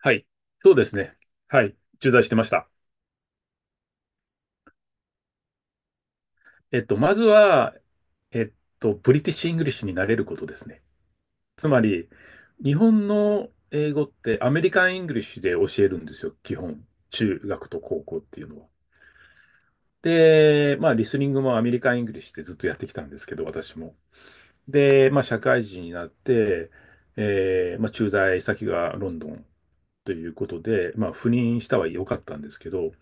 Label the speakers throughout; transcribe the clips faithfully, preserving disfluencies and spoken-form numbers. Speaker 1: はい。そうですね。はい。駐在してました。えっと、まずは、えっと、ブリティッシュ・イングリッシュになれることですね。つまり、日本の英語ってアメリカン・イングリッシュで教えるんですよ。基本。中学と高校っていうのは。で、まあ、リスニングもアメリカン・イングリッシュでずっとやってきたんですけど、私も。で、まあ、社会人になって、えーまあ、駐在先がロンドンということで、まあ、赴任したは良かったんですけど、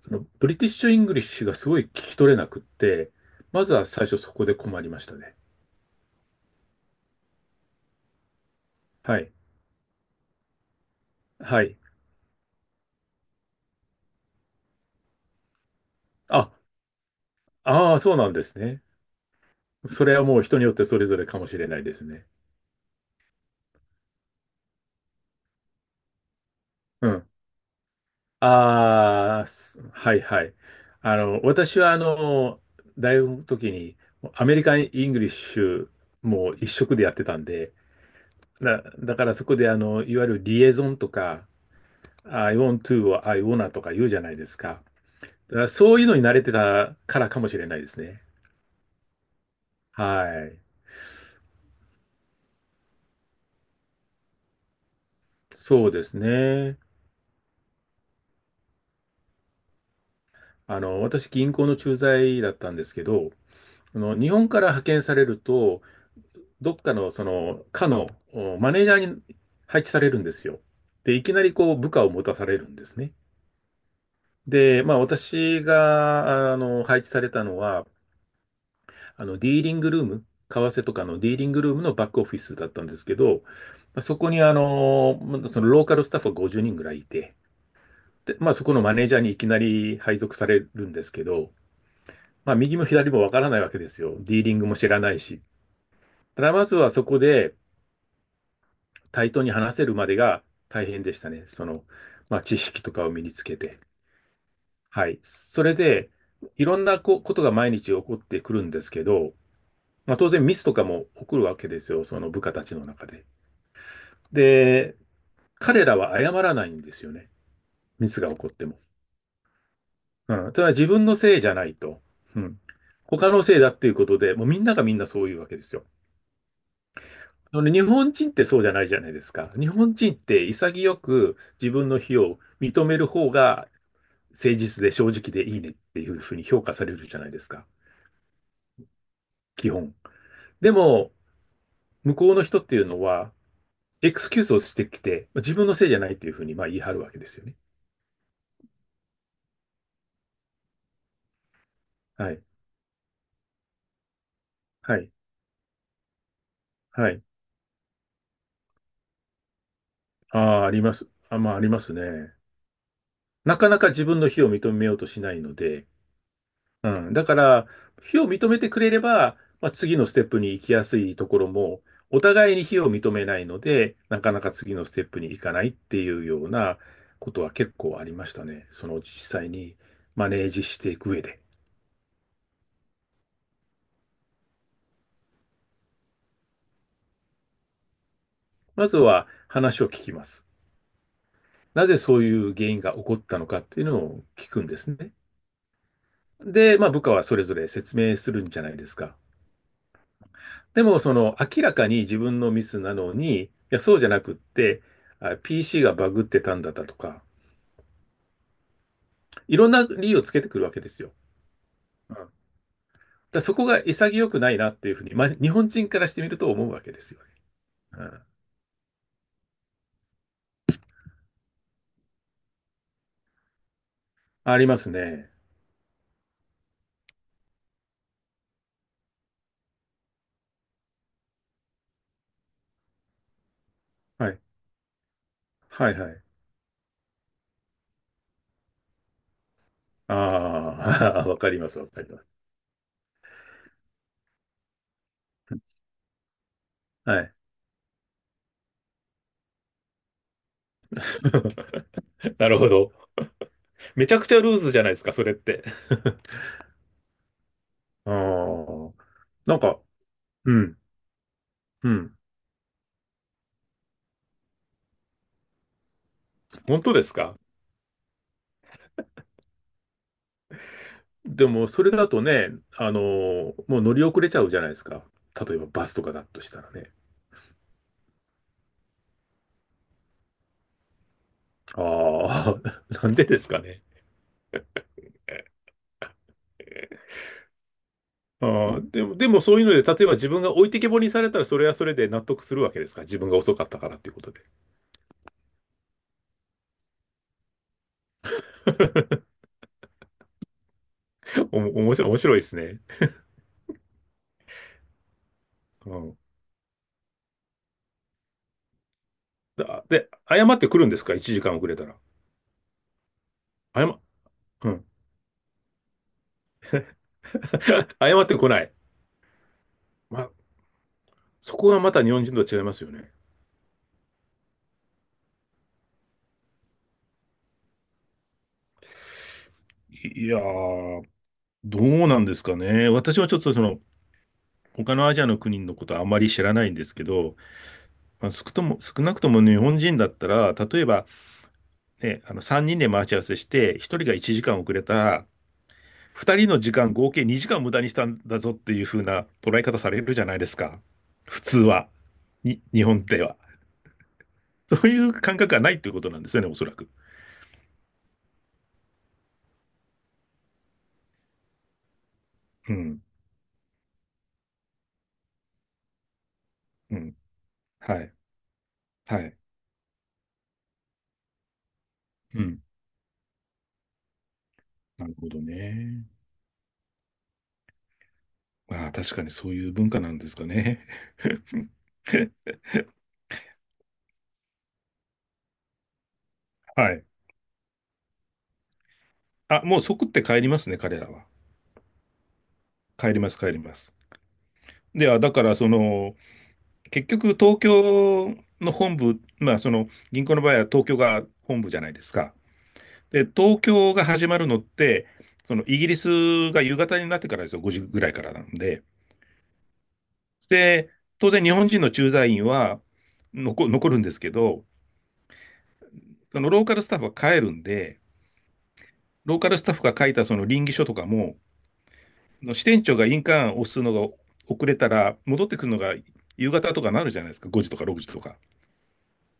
Speaker 1: そのブリティッシュ・イングリッシュがすごい聞き取れなくって、まずは最初そこで困りましたね。はい。はい。あ、ああ、そうなんですね。それはもう人によってそれぞれかもしれないですね。うん。ああ、すはいはい。あの、私はあの、大学の時にアメリカン・イングリッシュもう一色でやってたんで、だ、だからそこであの、いわゆるリエゾンとか、I want to は I wanna とか言うじゃないですか。だからそういうのに慣れてたからかもしれないですね。はい。そうですね。あの、私、銀行の駐在だったんですけど、あの、日本から派遣されると、どっかの、その、課のおマネージャーに配置されるんですよ。で、いきなりこう、部下を持たされるんですね。で、まあ、私が、あの、配置されたのは、あの、ディーリングルーム、為替とかのディーリングルームのバックオフィスだったんですけど、まあそこにあの、まそのローカルスタッフがごじゅうにんぐらいいて、で、まあそこのマネージャーにいきなり配属されるんですけど、まあ右も左もわからないわけですよ。ディーリングも知らないし。ただまずはそこで対等に話せるまでが大変でしたね。その、まあ知識とかを身につけて。はい。それで、いろんなこことが毎日起こってくるんですけど、まあ当然ミスとかも起こるわけですよ。その部下たちの中で。で、彼らは謝らないんですよね。ミスが起こっても。うん。ただ自分のせいじゃないと。うん。他のせいだっていうことで、もうみんながみんなそういうわけですよ。あのね、日本人ってそうじゃないじゃないですか。日本人って潔く自分の非を認める方が誠実で正直でいいねっていうふうに評価されるじゃないですか。基本。でも、向こうの人っていうのは、エクスキューズをしてきて、自分のせいじゃないっていうふうにまあ言い張るわけですよね。はい。はい。はい。ああ、あります。あ、まあ、ありますね。なかなか自分の非を認めようとしないので、うん。だから、非を認めてくれれば、まあ、次のステップに行きやすいところも、お互いに非を認めないので、なかなか次のステップに行かないっていうようなことは結構ありましたね。その実際にマネージしていく上で。まずは話を聞きます。なぜそういう原因が起こったのかっていうのを聞くんですね。で、まあ部下はそれぞれ説明するんじゃないですか。でも、その、明らかに自分のミスなのに、いや、そうじゃなくって、あ ピーシー がバグってたんだったとか、いろんな理由をつけてくるわけですよ。うん、だからそこが潔くないなっていうふうに、まあ、日本人からしてみると思うわけですよね、うん。ありますね。はい。はいはい。ああ、わかります、わかります。はい。なるほど。めちゃくちゃルーズじゃないですか、それって。ああ、なんか、うん、うん。本当ですか？でも、それだとね、あのーもう乗り遅れちゃうじゃないですか。例えばバスとかだとしたらね。ああ、なんでですかね。ああ、でも、でもそういうので、例えば自分が置いてけぼりにされたら、それはそれで納得するわけですか。自分が遅かったからっていうことで。おも、面白い、面白いですね。うん。だで、謝ってくるんですか？ いち 時間遅れたら。謝、うん。謝ってこない。ま、そこがまた日本人と違いますよね。いいやー、どうなんですかね。私はちょっとその、他のアジアの国のことはあまり知らないんですけど、まあ、少とも、少なくとも日本人だったら、例えば、ね、あのさんにんで待ち合わせして、ひとりがいちじかん遅れたら、ふたりの時間合計にじかん無駄にしたんだぞっていう風な捉え方されるじゃないですか。普通は。に、日本では。そういう感覚がないっていうことなんですよね、おそらく。うん。うん。はい。はい。うん。なるほどね。まあ、確かにそういう文化なんですかね。はい。あ、もう即って帰りますね、彼らは。帰ります、帰ります。では、だから、その、結局、東京の本部、まあ、その、銀行の場合は東京が本部じゃないですか。で、東京が始まるのって、その、イギリスが夕方になってからですよ、ごじぐらいからなんで。で、当然、日本人の駐在員は残、残るんですけど、その、ローカルスタッフは帰るんで、ローカルスタッフが書いたその稟議書とかも、支店長が印鑑を押すのが遅れたら、戻ってくるのが夕方とかなるじゃないですか、ごじとかろくじとか。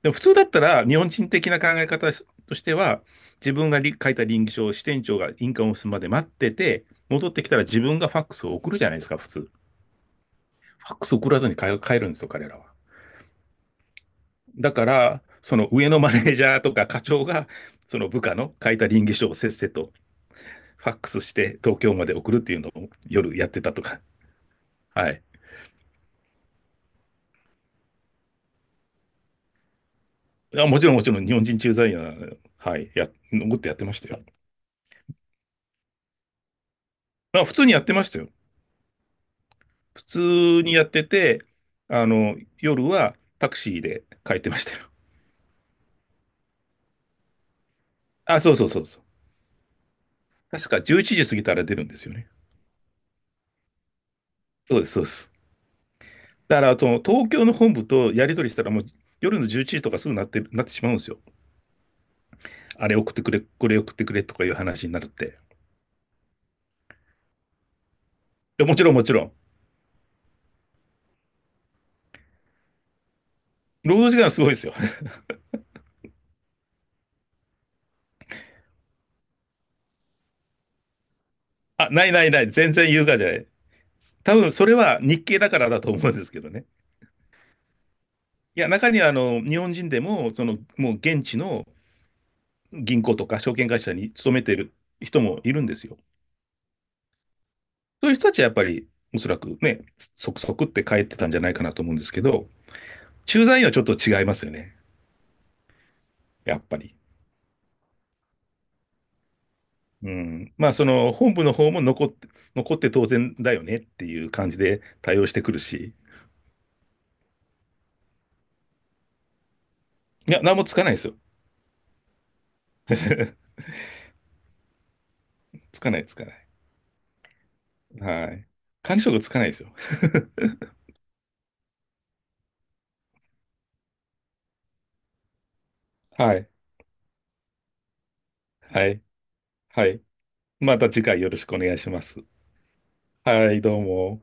Speaker 1: でも普通だったら、日本人的な考え方としては、自分がり書いた稟議書を支店長が印鑑を押すまで待ってて、戻ってきたら自分がファックスを送るじゃないですか、普通。ファックス送らずに帰るんですよ、彼らは。だから、その上のマネージャーとか課長が、その部下の書いた稟議書をせっせとファックスして東京まで送るっていうのを夜やってたとか。はい。もちろん、もちろん、日本人駐在員は、はい、や、残ってやってましたよ。まあ普通にやってましたよ。普通にやってて、あの、夜はタクシーで帰ってましたよ。あ、そうそうそうそう。確かじゅういちじ過ぎたら出るんですよね。そうです、そうです。だから、その東京の本部とやり取りしたら、もう夜のじゅういちじとかすぐなってる、なってしまうんですよ。あれ送ってくれ、これ送ってくれとかいう話になるって。いやもちろん、もちろん。労働時間すごいですよ。あ、ないないない。全然優雅じゃない。多分、それは日系だからだと思うんですけどね。いや、中には、あの、日本人でも、その、もう現地の銀行とか証券会社に勤めている人もいるんですよ。そういう人たちはやっぱり、おそらくね、即即って帰ってたんじゃないかなと思うんですけど、駐在員はちょっと違いますよね、やっぱり。うん。まあ、その本部の方も残って、残って当然だよねっていう感じで対応してくるし、いや、何もつかないですよ。つかない、つかない。はい。管理職つかないですよ。はい。はい。はい。また次回よろしくお願いします。はい、どうも。